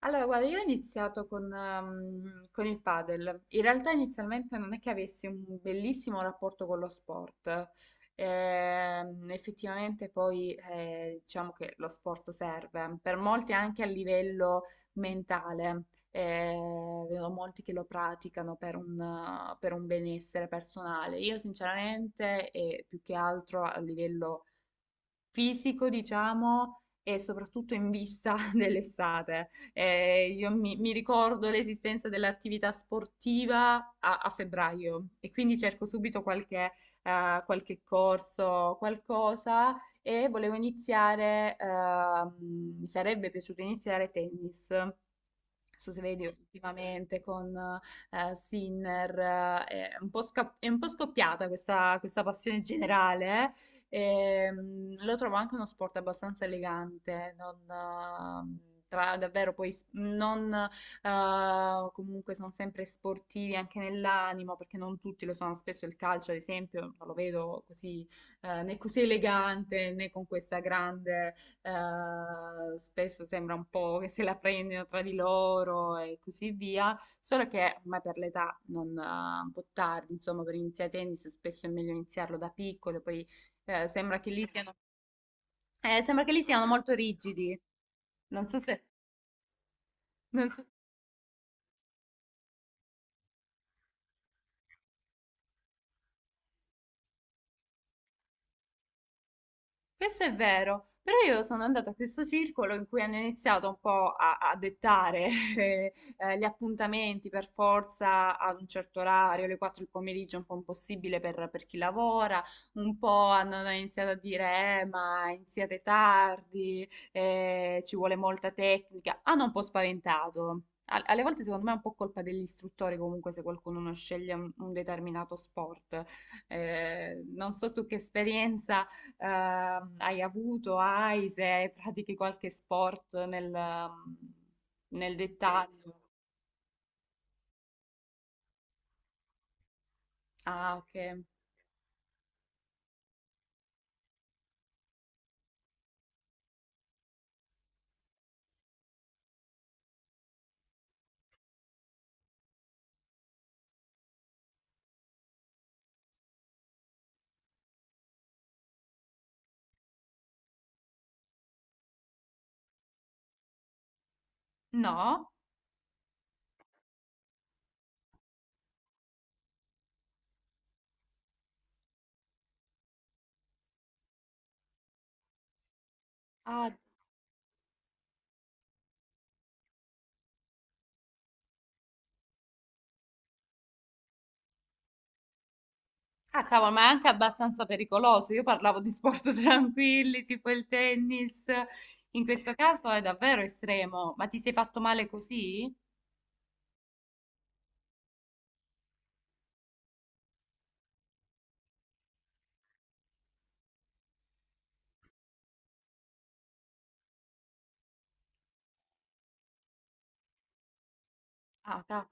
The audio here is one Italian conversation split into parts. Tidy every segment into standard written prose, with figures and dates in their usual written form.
Allora, guarda, io ho iniziato con il padel. In realtà inizialmente non è che avessi un bellissimo rapporto con lo sport. Effettivamente poi diciamo che lo sport serve per molti anche a livello mentale. Eh, Vedo molti che lo praticano per un benessere personale. Io sinceramente, e più che altro a livello fisico, diciamo, e soprattutto in vista dell'estate. Io mi ricordo l'esistenza dell'attività sportiva a febbraio e quindi cerco subito qualche, qualche corso, qualcosa e volevo iniziare, mi sarebbe piaciuto iniziare tennis. Non so se vedi ultimamente con Sinner, è un po', è un po' scoppiata questa passione generale. Lo trovo anche uno sport abbastanza elegante, non, davvero poi non, comunque sono sempre sportivi anche nell'animo, perché non tutti lo sono. Spesso il calcio, ad esempio, non lo vedo così, né così elegante né con questa grande spesso sembra un po' che se la prendano tra di loro e così via, solo che ormai per l'età non, un po' tardi, insomma, per iniziare a tennis spesso è meglio iniziarlo da piccolo, poi eh, sembra che lì siano, sembra che lì siano molto rigidi. Non so se, non so Questo è vero, però io sono andata a questo circolo in cui hanno iniziato un po' a dettare eh, gli appuntamenti per forza ad un certo orario, alle 4 del pomeriggio, un po' impossibile per chi lavora, un po' hanno iniziato a dire ma iniziate tardi, ci vuole molta tecnica, hanno un po' spaventato. Alle volte secondo me è un po' colpa degli istruttori comunque se qualcuno non sceglie un determinato sport. Non so tu che esperienza hai avuto, hai, se pratichi qualche sport nel, nel dettaglio. Ah, ok. No? Ah, ah, cavolo, ma è anche abbastanza pericoloso. Io parlavo di sport tranquilli, tipo il tennis. In questo caso è davvero estremo. Ma ti sei fatto male così? Ah, cavolo.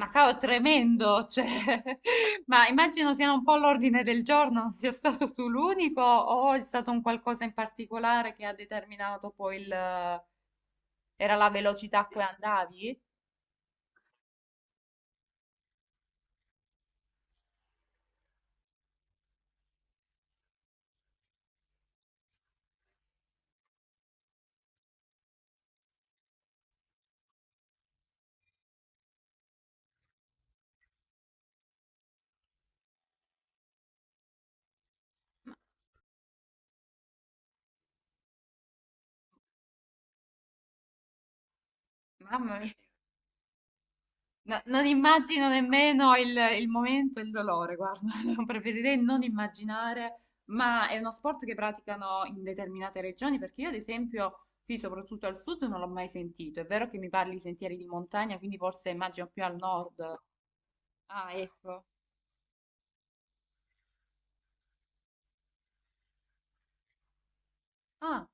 Ma cavolo, tremendo, cioè, ma immagino siano un po' l'ordine del giorno, non sia stato tu l'unico o è stato un qualcosa in particolare che ha determinato poi Era la velocità a cui andavi? Mamma mia, no, non immagino nemmeno il momento e il dolore, guarda, preferirei non immaginare, ma è uno sport che praticano in determinate regioni, perché io ad esempio qui, soprattutto al sud, non l'ho mai sentito, è vero che mi parli di sentieri di montagna, quindi forse immagino più al nord. Ah, ecco. Ah,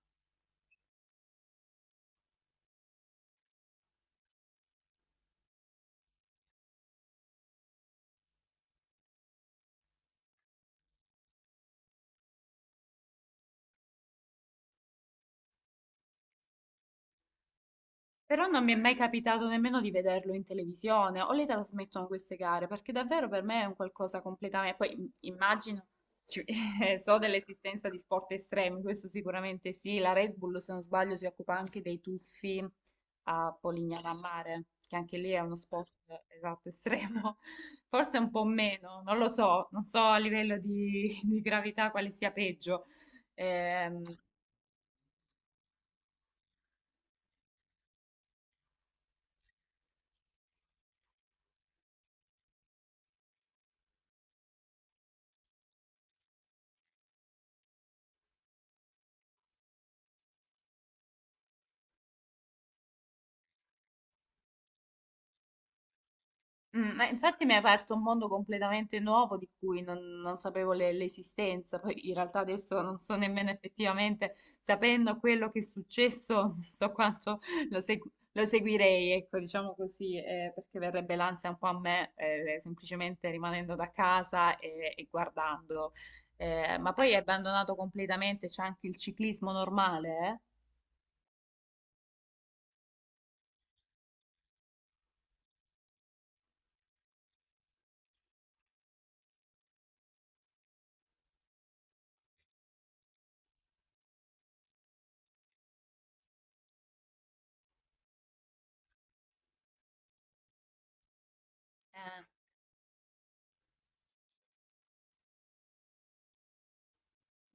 però non mi è mai capitato nemmeno di vederlo in televisione o le trasmettono queste gare, perché davvero per me è un qualcosa completamente. Poi immagino, ci- so dell'esistenza di sport estremi, questo sicuramente sì, la Red Bull se non sbaglio si occupa anche dei tuffi a Polignano a Mare, che anche lì è uno sport esatto estremo, forse un po' meno, non lo so, non so a livello di gravità quale sia peggio. Ehm, ma infatti mi hai aperto un mondo completamente nuovo di cui non sapevo l'esistenza, poi in realtà adesso non so nemmeno effettivamente, sapendo quello che è successo, non so quanto lo seguirei, ecco, diciamo così, perché verrebbe l'ansia un po' a me, semplicemente rimanendo da casa e guardandolo. Ma poi hai abbandonato completamente, c'è anche il ciclismo normale, eh?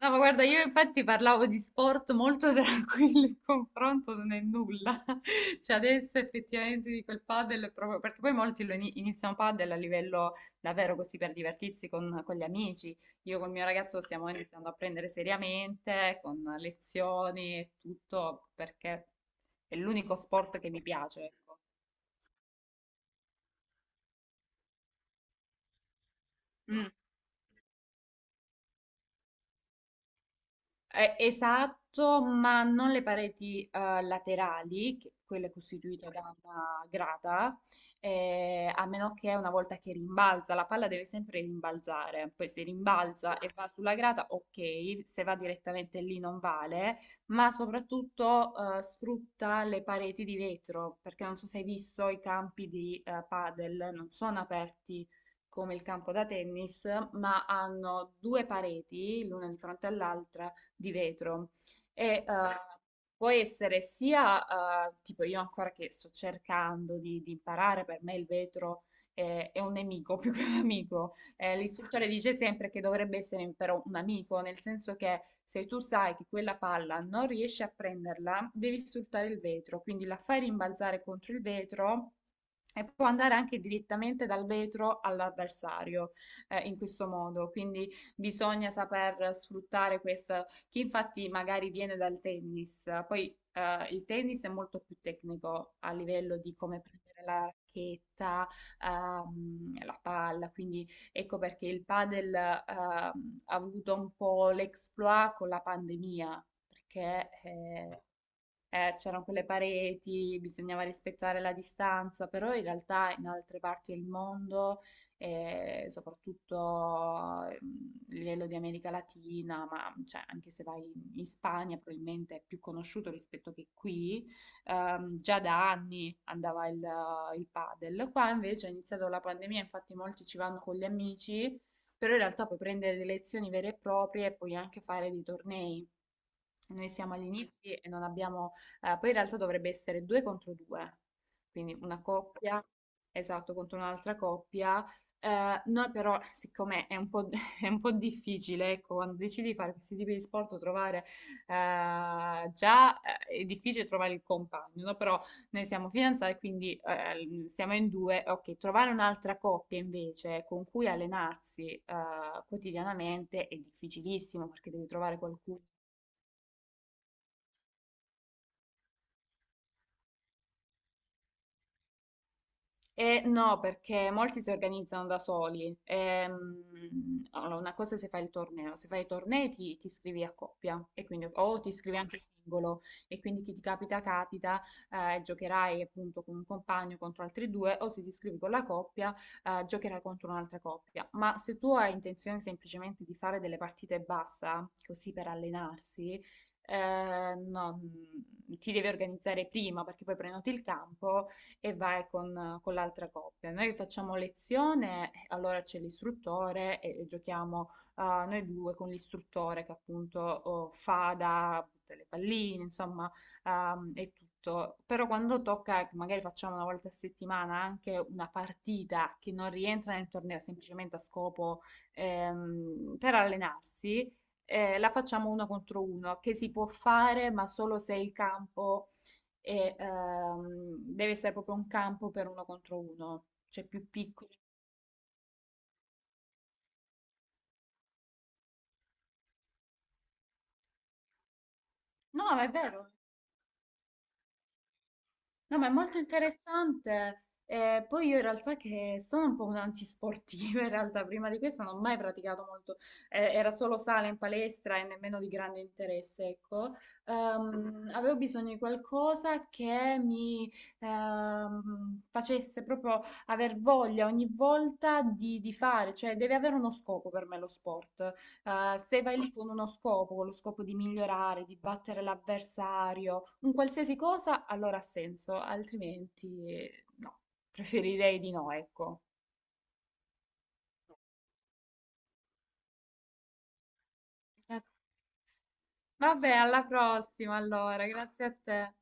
No, ma guarda, io infatti parlavo di sport molto tranquilli in confronto non è nulla. Cioè adesso effettivamente di quel padel, è proprio, perché poi molti lo iniziano padel a livello davvero così per divertirsi con gli amici. Io col mio ragazzo lo stiamo iniziando a prendere seriamente, con lezioni e tutto, perché è l'unico sport che mi piace, ecco. Mm. Esatto, ma non le pareti laterali, quelle costituite da una grata, a meno che una volta che rimbalza, la palla deve sempre rimbalzare, poi se rimbalza e va sulla grata, ok, se va direttamente lì non vale, ma soprattutto sfrutta le pareti di vetro, perché non so se hai visto i campi di padel, non sono aperti come il campo da tennis, ma hanno due pareti, l'una di fronte all'altra di vetro e può essere sia, tipo io ancora che sto cercando di imparare, per me il vetro è un nemico più che un amico. L'istruttore dice sempre che dovrebbe essere però un amico, nel senso che se tu sai che quella palla non riesci a prenderla, devi sfruttare il vetro, quindi la fai rimbalzare contro il vetro. E può andare anche direttamente dal vetro all'avversario, in questo modo. Quindi bisogna saper sfruttare questo che infatti magari viene dal tennis. Poi il tennis è molto più tecnico a livello di come prendere la racchetta, la palla, quindi ecco perché il padel ha avuto un po' l'exploit con la pandemia, perché c'erano quelle pareti, bisognava rispettare la distanza, però in realtà in altre parti del mondo, soprattutto a livello di America Latina, ma cioè, anche se vai in Spagna, probabilmente è più conosciuto rispetto che qui, già da anni andava il padel. Qua invece è iniziato la pandemia, infatti molti ci vanno con gli amici, però in realtà puoi prendere delle lezioni vere e proprie e puoi anche fare dei tornei. Noi siamo agli inizi e non abbiamo poi in realtà dovrebbe essere due contro due, quindi una coppia, esatto, contro un'altra coppia. Noi però, siccome è un po', è un po' difficile, ecco, quando decidi di fare questi tipi di sport, trovare già è difficile trovare il compagno, no? Però noi siamo fidanzati, quindi siamo in due. Ok, trovare un'altra coppia invece con cui allenarsi quotidianamente è difficilissimo perché devi trovare qualcuno. No, perché molti si organizzano da soli. Allora, una cosa è se fai il torneo, se fai i tornei ti iscrivi a coppia e quindi, o ti iscrivi anche singolo e quindi chi ti capita capita, giocherai appunto con un compagno contro altri due o se ti iscrivi con la coppia giocherai contro un'altra coppia. Ma se tu hai intenzione semplicemente di fare delle partite bassa, così per allenarsi, no, ti devi organizzare prima perché poi prenoti il campo e vai con l'altra coppia. Noi facciamo lezione, allora c'è l'istruttore e giochiamo noi due con l'istruttore che appunto fa da butta le palline, insomma, e tutto. Però quando tocca, che magari facciamo una volta a settimana anche una partita che non rientra nel torneo, semplicemente a scopo per allenarsi la facciamo uno contro uno, che si può fare, ma solo se il campo deve essere proprio un campo per uno contro uno, cioè più piccoli. No, ma è vero. No, ma è molto interessante. Poi io in realtà che sono un po' un'antisportiva, in realtà prima di questo non ho mai praticato molto, era solo sala in palestra e nemmeno di grande interesse, ecco. Avevo bisogno di qualcosa che mi facesse proprio aver voglia ogni volta di fare, cioè deve avere uno scopo per me lo sport. Se vai lì con uno scopo, con lo scopo di migliorare, di battere l'avversario, un qualsiasi cosa allora ha senso, altrimenti no, preferirei di no, ecco. Eh, Vabbè, alla prossima allora, grazie a te.